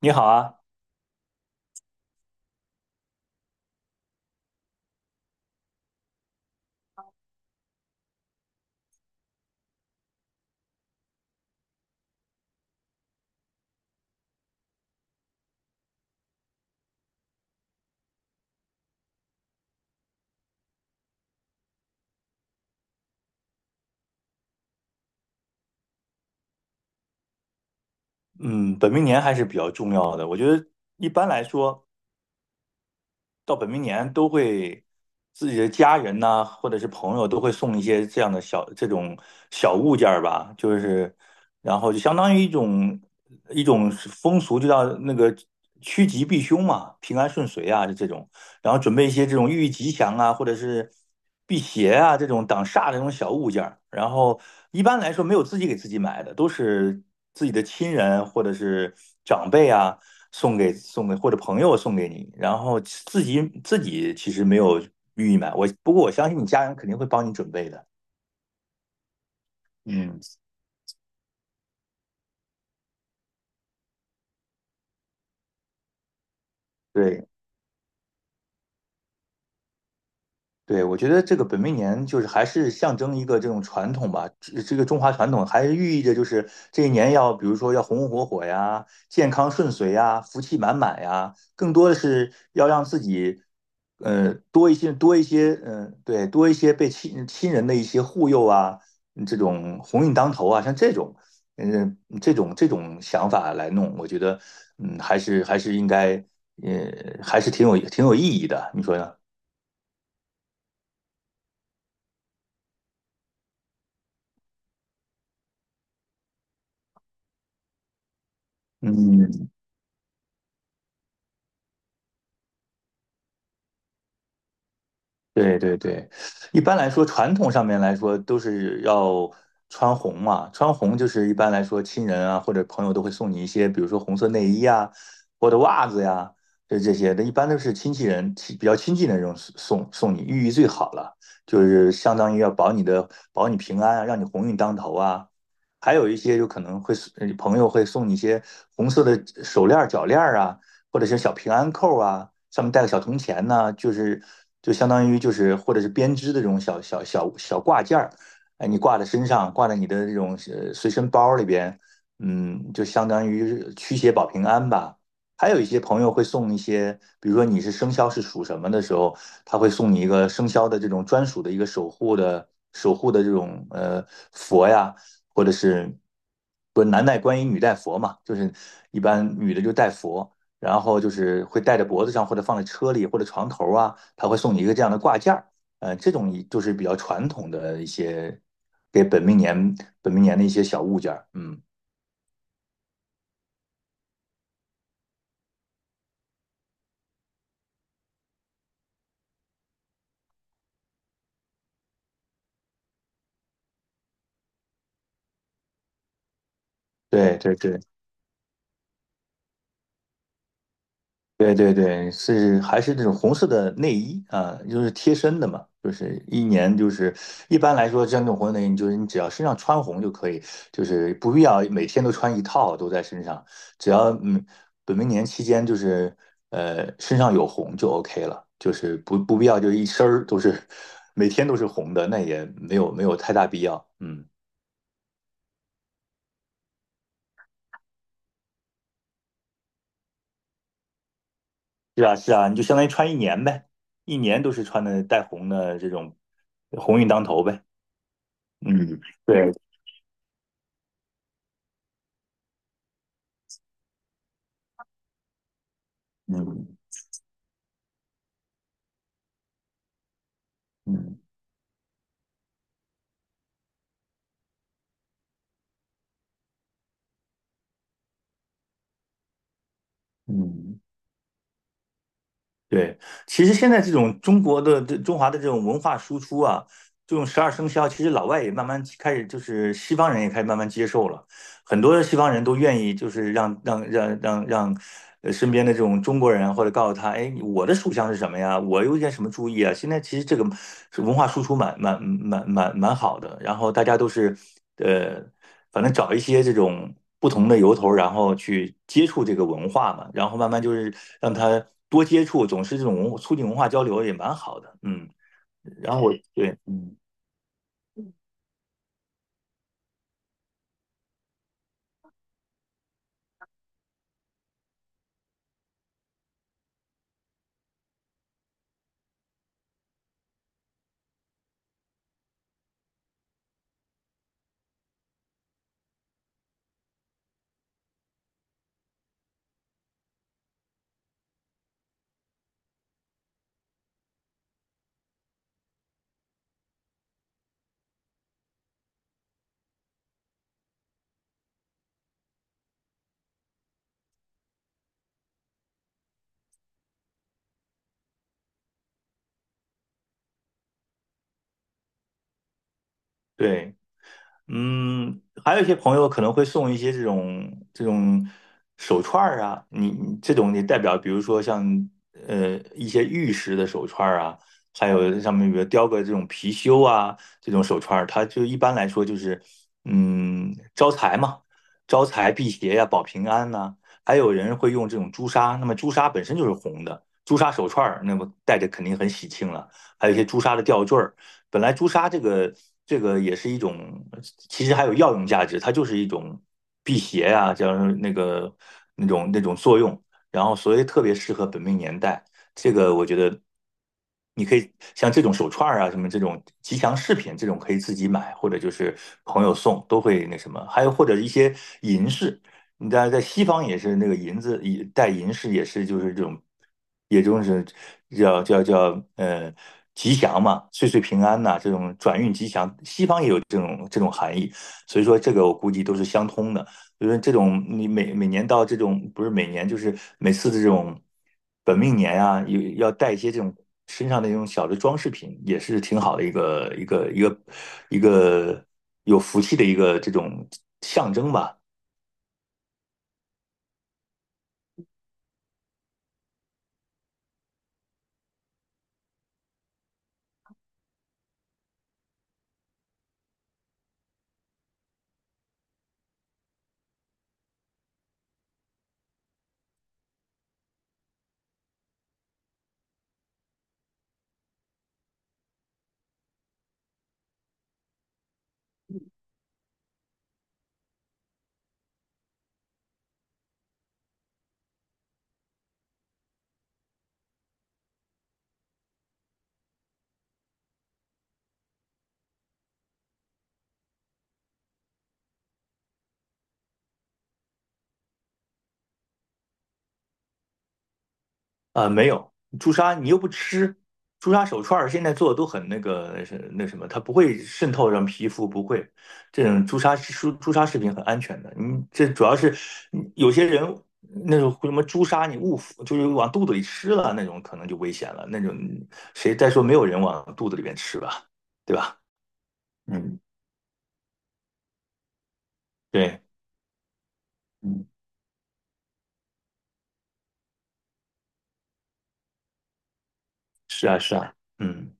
你好啊。嗯，本命年还是比较重要的。我觉得一般来说，到本命年都会自己的家人呐、或者是朋友都会送一些这样的小这种小物件儿吧，就是然后就相当于一种风俗，就叫那个趋吉避凶嘛，平安顺遂啊，就这种，然后准备一些这种寓意吉祥啊，或者是辟邪啊，这种挡煞的这种小物件儿。然后一般来说没有自己给自己买的，都是自己的亲人或者是长辈啊送给，或者朋友送给你，然后自己其实没有寓意买，不过我相信你家人肯定会帮你准备的。嗯，对，对，我觉得这个本命年就是还是象征一个这种传统吧，这个中华传统还是寓意着就是这一年要，比如说要红红火火呀，健康顺遂呀，福气满满呀，更多的是要让自己，多一些，对，多一些被亲人的一些护佑啊，这种鸿运当头啊，像这种，嗯、这种想法来弄。我觉得，还是应该，还是挺有意义的，你说呢？嗯。对对对，一般来说，传统上面来说都是要穿红嘛。穿红就是一般来说，亲人啊或者朋友都会送你一些，比如说红色内衣啊，或者袜子呀，就这些的。一般都是亲戚人亲比较亲近的人送你，寓意最好了，就是相当于要保你平安啊，让你鸿运当头啊。还有一些就可能会送，朋友会送你一些红色的手链儿、脚链儿啊，或者是小平安扣啊，上面带个小铜钱呐，啊，就是就相当于，就是或者是编织的这种小挂件儿，哎，你挂在身上，挂在你的这种随身包里边，嗯，就相当于驱邪保平安吧。还有一些朋友会送一些，比如说你是生肖是属什么的时候，他会送你一个生肖的这种专属的一个守护的这种佛呀，或者是，不是男戴观音，女戴佛嘛，就是一般女的就戴佛，然后就是会戴在脖子上，或者放在车里，或者床头啊，他会送你一个这样的挂件儿。呃，这种就是比较传统的一些给本命年的一些小物件儿。嗯，对对对。对对对，还是那种红色的内衣啊，就是贴身的嘛，就是一年就是，一般来说，像这种红色内衣，你就是你只要身上穿红就可以，就是不必要每天都穿一套都在身上，只要本命年期间，就是身上有红就 OK 了，就是不必要就一身儿都是每天都是红的，那也没有，太大必要。嗯，是啊，是啊，你就相当于穿一年呗，一年都是穿的带红的，这种红运当头呗。嗯。对，嗯嗯嗯对。其实现在这种中国的这中华的这种文化输出啊，这种十二生肖，其实老外也慢慢开始，就是西方人也开始慢慢接受了。很多的西方人都愿意，就是让让让让让，身边的这种中国人啊或者告诉他，哎，我的属相是什么呀？我有点什么注意啊？现在其实这个是文化输出蛮好的，然后大家都是，呃，反正找一些这种不同的由头，然后去接触这个文化嘛，然后慢慢就是让他多接触，总是这种促进文化交流也蛮好的。嗯，然后我，对，嗯，对。嗯，还有一些朋友可能会送一些这种手串儿啊，你这种也代表，比如说像一些玉石的手串儿啊，还有上面比如雕个这种貔貅啊，这种手串儿，它就一般来说就是招财嘛，招财辟邪呀、保平安呐，还有人会用这种朱砂。那么朱砂本身就是红的，朱砂手串儿，那么戴着肯定很喜庆了。还有一些朱砂的吊坠儿。本来朱砂这个也是一种，其实还有药用价值，它就是一种辟邪啊，这那个那种作用。然后所以特别适合本命年代。这个我觉得，你可以像这种手串啊，什么这种吉祥饰品，这种可以自己买，或者就是朋友送，都会那什么。还有或者一些银饰，你在西方也是那个银子，戴银饰也是就是这种，也就是叫，吉祥嘛，岁岁平安呐、这种转运吉祥，西方也有这种含义，所以说这个我估计都是相通的。就是这种你每年到这种，不是每年，就是每次的这种本命年啊，有要带一些这种身上的这种小的装饰品，也是挺好的一个有福气的一个这种象征吧。啊，没有，朱砂你又不吃。朱砂手串儿现在做的都很那个，是那什么，它不会渗透上皮肤，不会。这种朱砂饰品很安全的，你这主要是有些人那种什么朱砂，你误服，就是往肚子里吃了那种，可能就危险了。那种说没有人往肚子里面吃吧，对吧？嗯，对，嗯，是啊，是啊，嗯。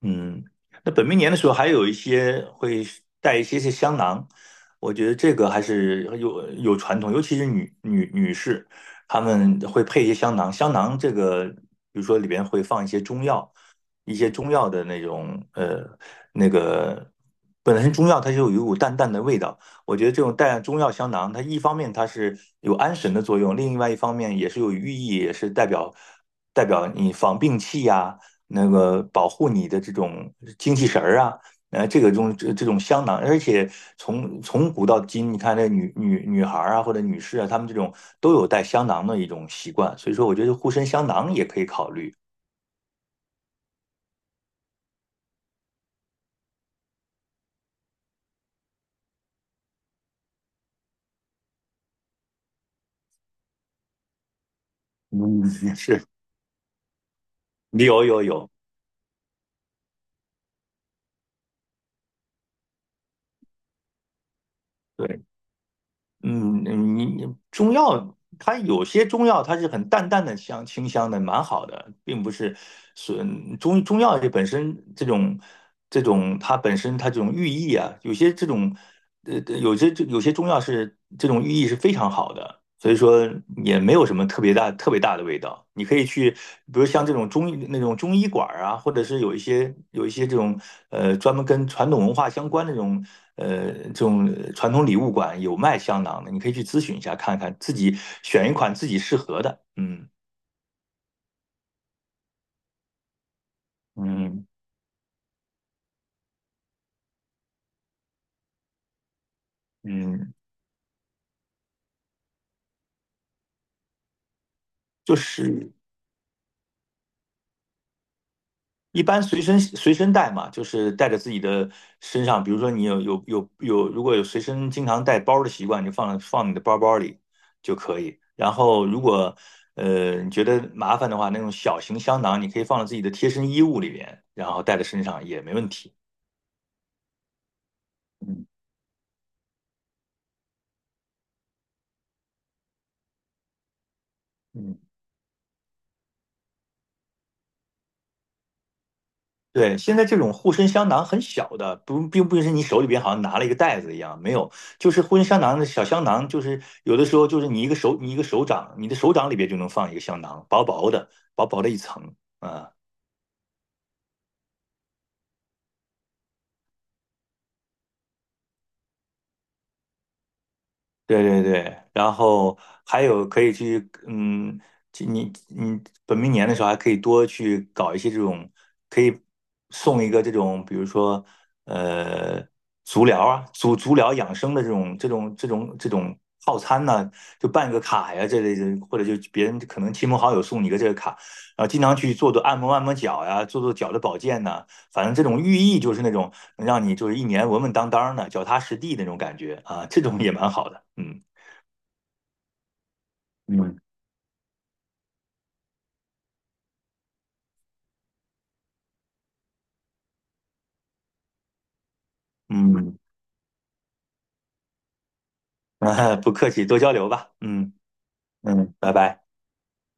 嗯，那本命年的时候还有一些会带一些些香囊，我觉得这个还是有有传统。尤其是女士，她们会配一些香囊。香囊这个，比如说里边会放一些中药，一些中药的那种那个本身中药它就有一股淡淡的味道。我觉得这种带中药香囊，它一方面它是有安神的作用，另外一方面也是有寓意，也是代表你防病气呀、那个保护你的这种精气神儿啊。这个种这种香囊，而且从古到今，你看那女孩儿啊或者女士啊，她们这种都有带香囊的一种习惯。所以说我觉得护身香囊也可以考虑。嗯，也是有。对，嗯。你，中药，它有些中药它是很淡淡的香清香的，蛮好的，并不是损中药这本身这种，它本身它这种寓意啊，有些这种，有些中药是这种寓意是非常好的，所以说也没有什么特别大、特别大的味道。你可以去，比如像这种中医，那种中医馆儿啊，或者是有一些，这种专门跟传统文化相关的这种传统礼物馆有卖香囊的，你可以去咨询一下，看看自己选一款自己适合的。嗯嗯嗯，就是一般随身带嘛，就是带着自己的身上。比如说你有，如果有随身经常带包的习惯，你就放你的包包里就可以。然后如果你觉得麻烦的话，那种小型香囊你可以放到自己的贴身衣物里边，然后带在身上也没问题。嗯嗯。对，现在这种护身香囊很小的。不，并不是你手里边好像拿了一个袋子一样，没有。就是护身香囊的小香囊，就是有的时候你一个手，你一个手掌，你的手掌里边就能放一个香囊，薄薄的，薄薄的一层，啊。对对对，然后还有可以去，嗯，去你本命年的时候还可以多去搞一些这种，可以送一个这种，比如说呃足疗啊，足疗养生的这种套餐呢、就办个卡呀这类的，或者就别人可能亲朋好友送你一个这个卡，然后经常去做按摩，按摩脚呀，做做脚的保健呐，反正这种寓意就是那种让你就是一年稳稳当当的、脚踏实地那种感觉啊，这种也蛮好的。嗯嗯嗯，啊， 不客气，多交流吧。嗯嗯，拜拜。